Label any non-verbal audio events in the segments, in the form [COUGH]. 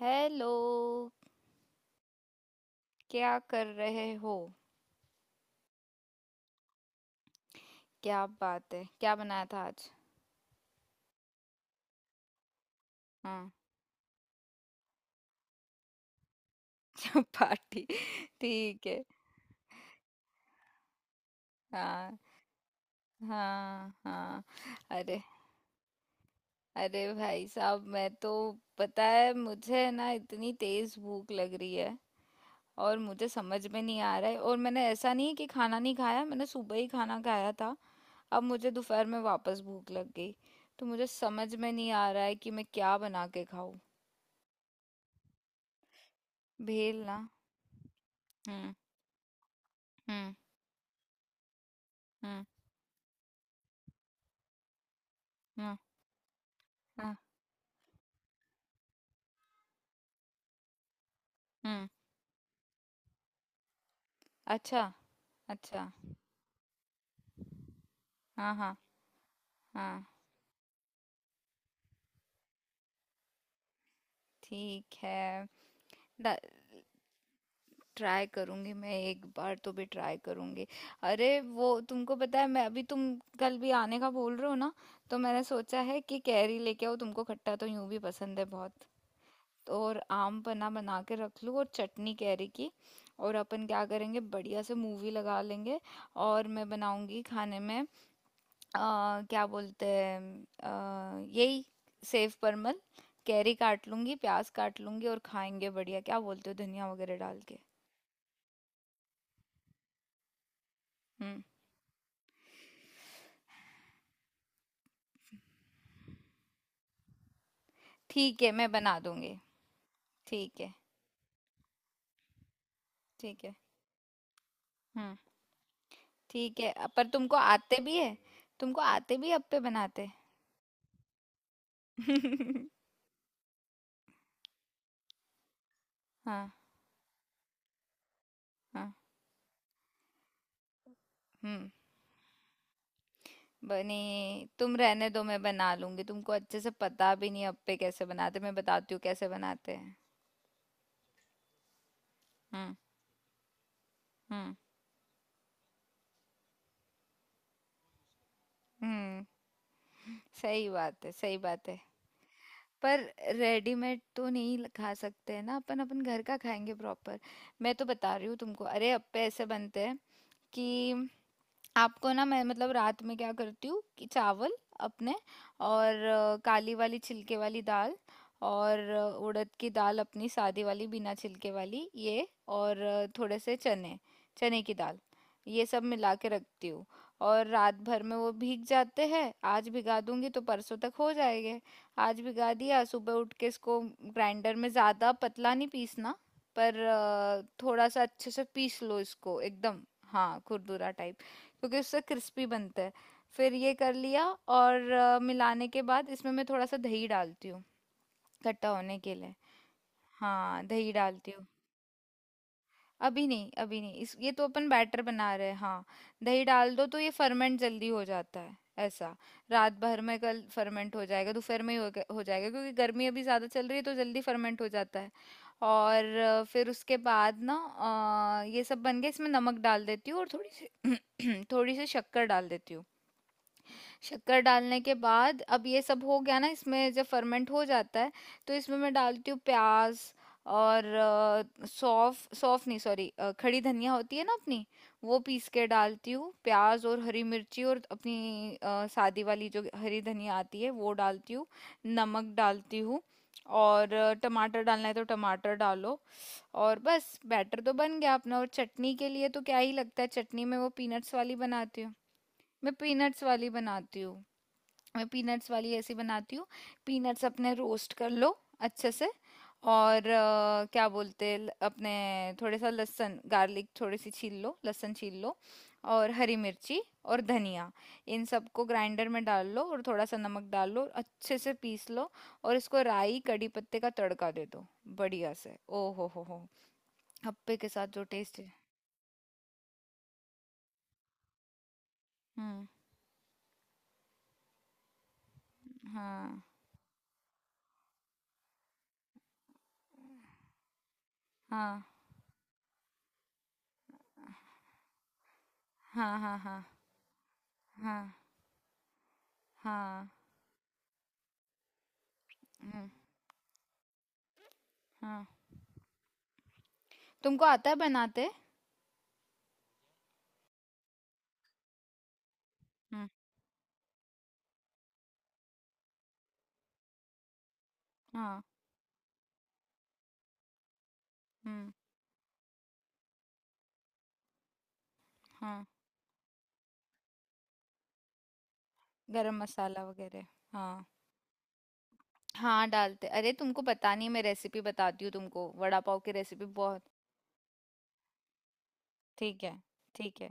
Hello. क्या कर रहे हो? क्या बात है, क्या बनाया था आज? हाँ। [LAUGHS] क्या पार्टी! ठीक है। हाँ, हाँ, हाँ। अरे। अरे भाई साहब मैं तो, पता है मुझे ना, इतनी तेज भूख लग रही है और मुझे समझ में नहीं आ रहा है। और मैंने, ऐसा नहीं है कि खाना नहीं खाया, मैंने सुबह ही खाना खाया था। अब मुझे दोपहर में वापस भूख लग गई। तो मुझे समझ में नहीं आ रहा है कि मैं क्या बना के खाऊं। भेल ना। हम्म। हम्म। हम्म। हाँ, हाँ। हम्म। अच्छा। अच्छा। हाँ, हाँ, हाँ। ठीक है। ट्राई करूंगी, मैं एक बार तो भी ट्राई करूंगी। अरे वो, तुमको पता है, मैं अभी, तुम कल भी आने का बोल रहे हो ना, तो मैंने सोचा है कि कैरी लेके आओ, तुमको खट्टा तो यूं भी पसंद है बहुत। तो और आम पन्ना बना के रख लूँ और चटनी कैरी की। और अपन क्या करेंगे, बढ़िया से मूवी लगा लेंगे। और मैं बनाऊंगी खाने में, अ, क्या बोलते हैं, अ, यही, सेव परमल। कैरी काट लूंगी, प्याज काट लूंगी और खाएंगे बढ़िया, क्या बोलते हो, धनिया वगैरह डाल के। हम्म। ठीक है, मैं बना दूंगी। ठीक है। ठीक है। हम्म। ठीक है। पर तुमको आते भी है? तुमको आते भी, अप्पे बनाते? [LAUGHS] हाँ। हाँ। हम्म। बनी, तुम रहने दो, मैं बना लूंगी। तुमको अच्छे से पता भी नहीं अप्पे कैसे बनाते, मैं बताती हूँ कैसे बनाते हैं। हम्म। हम्म। हम्म। सही बात है, सही बात है। पर रेडीमेड तो नहीं खा सकते हैं ना अपन, अपन घर का खाएंगे प्रॉपर। मैं तो बता रही हूँ तुमको, अरे अप्पे ऐसे बनते हैं कि, आपको ना मैं, मतलब रात में क्या करती हूँ कि चावल अपने, और काली वाली छिलके वाली दाल, और उड़द की दाल अपनी सादी वाली बिना छिलके वाली, ये, और थोड़े से चने, चने की दाल। ये सब मिला के रखती हूँ। और रात भर में वो भीग जाते हैं। आज भिगा दूंगी तो परसों तक हो जाएंगे। आज भिगा दिया, सुबह उठ के इसको ग्राइंडर में ज़्यादा पतला नहीं पीसना, पर थोड़ा सा अच्छे से पीस लो इसको एकदम। हाँ, खुरदुरा टाइप, क्योंकि उससे क्रिस्पी बनता है। फिर ये कर लिया। और मिलाने के बाद इसमें मैं थोड़ा सा दही डालती हूँ, खट्टा होने के लिए। हाँ, दही डालती हूँ। अभी नहीं, अभी नहीं, इस ये तो अपन बैटर बना रहे हैं। हाँ, दही डाल दो तो ये फर्मेंट जल्दी हो जाता है। ऐसा। रात भर में कल फर्मेंट हो जाएगा, दोपहर में ही हो जाएगा क्योंकि गर्मी अभी ज़्यादा चल रही है तो जल्दी फर्मेंट हो जाता है। और फिर उसके बाद ना, ये सब बन गया, इसमें नमक डाल देती हूँ और थोड़ी सी [CLEARS THROAT] थोड़ी सी शक्कर डाल देती हूँ। शक्कर डालने के बाद, अब ये सब हो गया ना, इसमें जब फर्मेंट हो जाता है तो इसमें मैं डालती हूँ प्याज और सौफ, सौफ नहीं, सॉरी, खड़ी धनिया होती है ना अपनी, वो पीस के डालती हूँ। प्याज और हरी मिर्ची और अपनी सादी वाली जो हरी धनिया आती है वो डालती हूँ, नमक डालती हूँ। और टमाटर डालना है तो टमाटर डालो। और बस बैटर तो बन गया अपना। और चटनी के लिए, तो क्या ही लगता है, चटनी में वो पीनट्स वाली बनाती हूँ। मैं पीनट्स वाली बनाती हूँ। मैं पीनट्स वाली ऐसी बनाती हूँ। पीनट्स अपने रोस्ट कर लो अच्छे से, और क्या बोलते हैं, अपने थोड़े सा लहसुन, गार्लिक, थोड़ी सी छील लो, लहसुन छील लो, और हरी मिर्ची और धनिया। इन सबको ग्राइंडर में डाल लो और थोड़ा सा नमक डाल लो और अच्छे से पीस लो। और इसको राई कड़ी पत्ते का तड़का दे दो बढ़िया से। ओ हो, हप्पे के साथ जो टेस्ट है! हम्म। हाँ, हाँ, हाँ, हाँ, हाँ, हाँ, हाँ। हम्म। हाँ, तुमको आता है बनाते? हुँ, हाँ, हुँ, हाँ, गरम मसाला वगैरह, हाँ। हाँ, डालते, अरे तुमको पता नहीं, मैं रेसिपी बताती हूँ तुमको, वड़ा पाव की रेसिपी बहुत। ठीक है, ठीक है,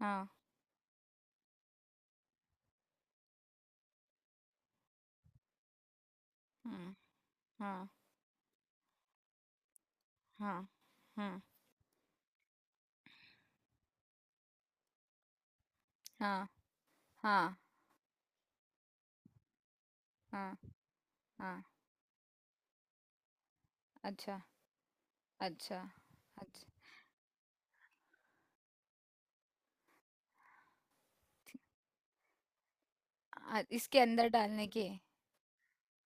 हाँ, हुँ, हाँ, हाँ, हुँ, हाँ, हाँ, हाँ, हाँ, अच्छा, अच्छा, अच्छा। इसके अंदर डालने की?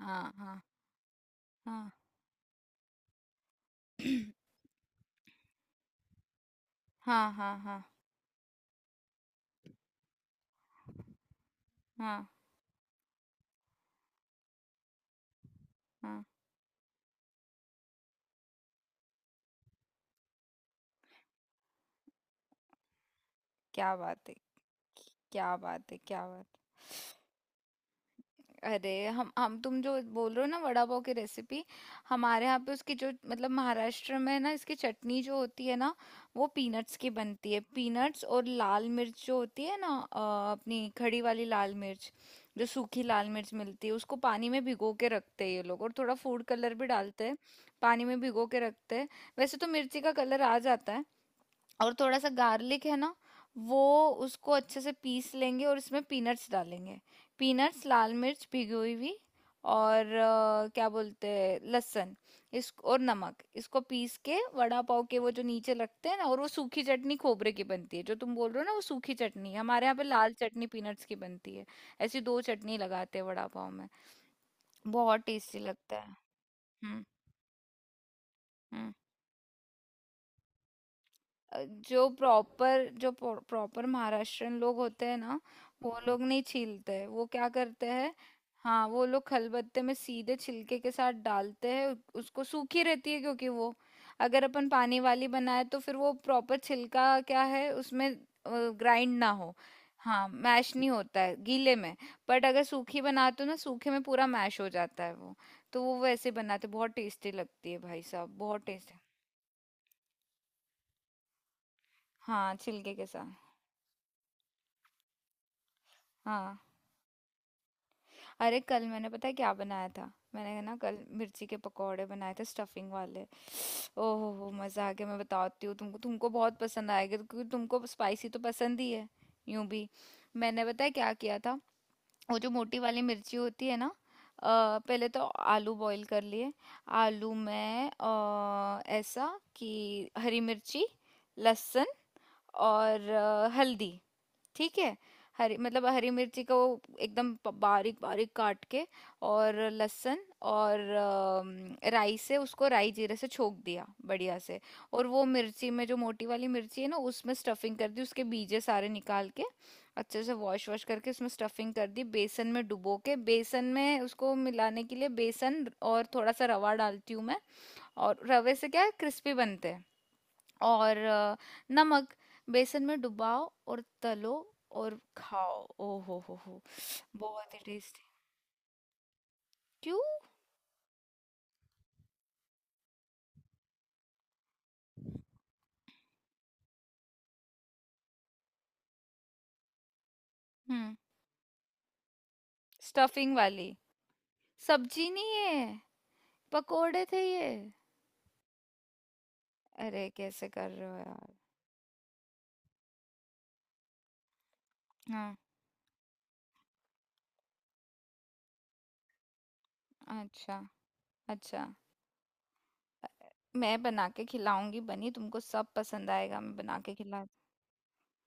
हाँ, हाँ, हाँ। [CLEARS THROAT] हाँ, हाँ, हाँ, हाँ, हाँ। क्या बात है! क्या बात है! क्या बात है! अरे हम तुम जो बोल रहे हो ना, वड़ा पाव की रेसिपी, हमारे यहाँ पे उसकी जो, मतलब महाराष्ट्र में ना इसकी चटनी जो होती है ना, वो पीनट्स की बनती है। पीनट्स और लाल मिर्च जो होती है ना, अपनी खड़ी वाली लाल मिर्च, जो सूखी लाल मिर्च मिलती है, उसको पानी में भिगो के रखते हैं ये लोग, और थोड़ा फूड कलर भी डालते हैं। पानी में भिगो के रखते हैं, वैसे तो मिर्ची का कलर आ जाता है। और थोड़ा सा गार्लिक है ना, वो, उसको अच्छे से पीस लेंगे और इसमें पीनट्स डालेंगे। पीनट्स, लाल मिर्च भिगी हुई भी, और क्या बोलते हैं, लहसुन, इस और नमक, इसको पीस के वड़ा पाव के वो जो नीचे लगते हैं ना, और वो सूखी चटनी खोबरे की बनती है जो तुम बोल रहे हो ना, वो सूखी चटनी है। हमारे यहाँ पे लाल चटनी पीनट्स की बनती है। ऐसी दो चटनी लगाते हैं वड़ा पाव में। बहुत टेस्टी लगता है। हम्म। हम्म। अ, जो प्रॉपर, जो प्रॉपर महाराष्ट्रियन लोग होते हैं ना, वो लोग नहीं छीलते, वो क्या करते हैं? हाँ, वो लोग खलबत्ते में सीधे छिलके के साथ डालते हैं। उसको सूखी रहती है क्योंकि वो, अगर अपन पानी वाली बनाए तो फिर वो प्रॉपर छिलका क्या है उसमें, ग्राइंड ना हो। हाँ, मैश नहीं होता है गीले में। बट अगर सूखी बनाते हो ना, सूखे में पूरा मैश हो जाता है वो। तो वो वैसे बनाते, बहुत टेस्टी लगती है भाई साहब, बहुत टेस्टी। हाँ, छिलके के साथ। हाँ। अरे कल मैंने पता है क्या बनाया था? मैंने ना कल मिर्ची के पकोड़े बनाए थे स्टफिंग वाले। ओह हो, मजा आ गया। मैं बताती हूँ तुमको, तुमको बहुत पसंद आएगा क्योंकि तुमको स्पाइसी तो पसंद ही है यूं भी। मैंने पता है क्या किया था? वो जो मोटी वाली मिर्ची होती है ना, पहले तो आलू बॉईल कर लिए। आलू में ऐसा कि, हरी मिर्ची, लहसुन, और हल्दी, ठीक है। हरी मतलब हरी मिर्ची को एकदम बारीक बारीक काट के, और लहसुन, और राई से उसको, राई जीरे से छोक दिया बढ़िया से। और वो मिर्ची में, जो मोटी वाली मिर्ची है ना, उसमें स्टफिंग कर दी उसके बीजे सारे निकाल के, अच्छे से वॉश वॉश करके उसमें स्टफिंग कर दी, बेसन में डुबो के, बेसन में उसको मिलाने के लिए बेसन, और थोड़ा सा रवा डालती हूँ मैं, और रवे से क्या क्रिस्पी बनते हैं। और नमक, बेसन में डुबाओ और तलो और खाओ। ओ हो, बहुत ही टेस्टी। क्यों? हम्म। स्टफिंग वाली। सब्जी नहीं है, पकोड़े थे ये। अरे कैसे कर रहे हो यार! हाँ। अच्छा, अच्छा। अ- मैं बना के खिलाऊंगी बनी, तुमको सब पसंद आएगा, मैं बना के खिला।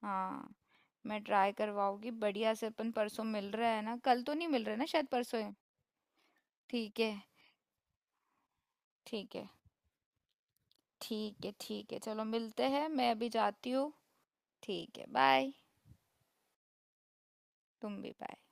हाँ। मैं ट्राई करवाऊंगी बढ़िया से। अपन परसों मिल रहा है ना, कल तो नहीं मिल रहा है ना, शायद परसों है। ठीक है। ठीक है। ठीक है, ठीक है, चलो मिलते हैं, मैं अभी जाती हूँ। ठीक है, बाय। तुम भी बाय।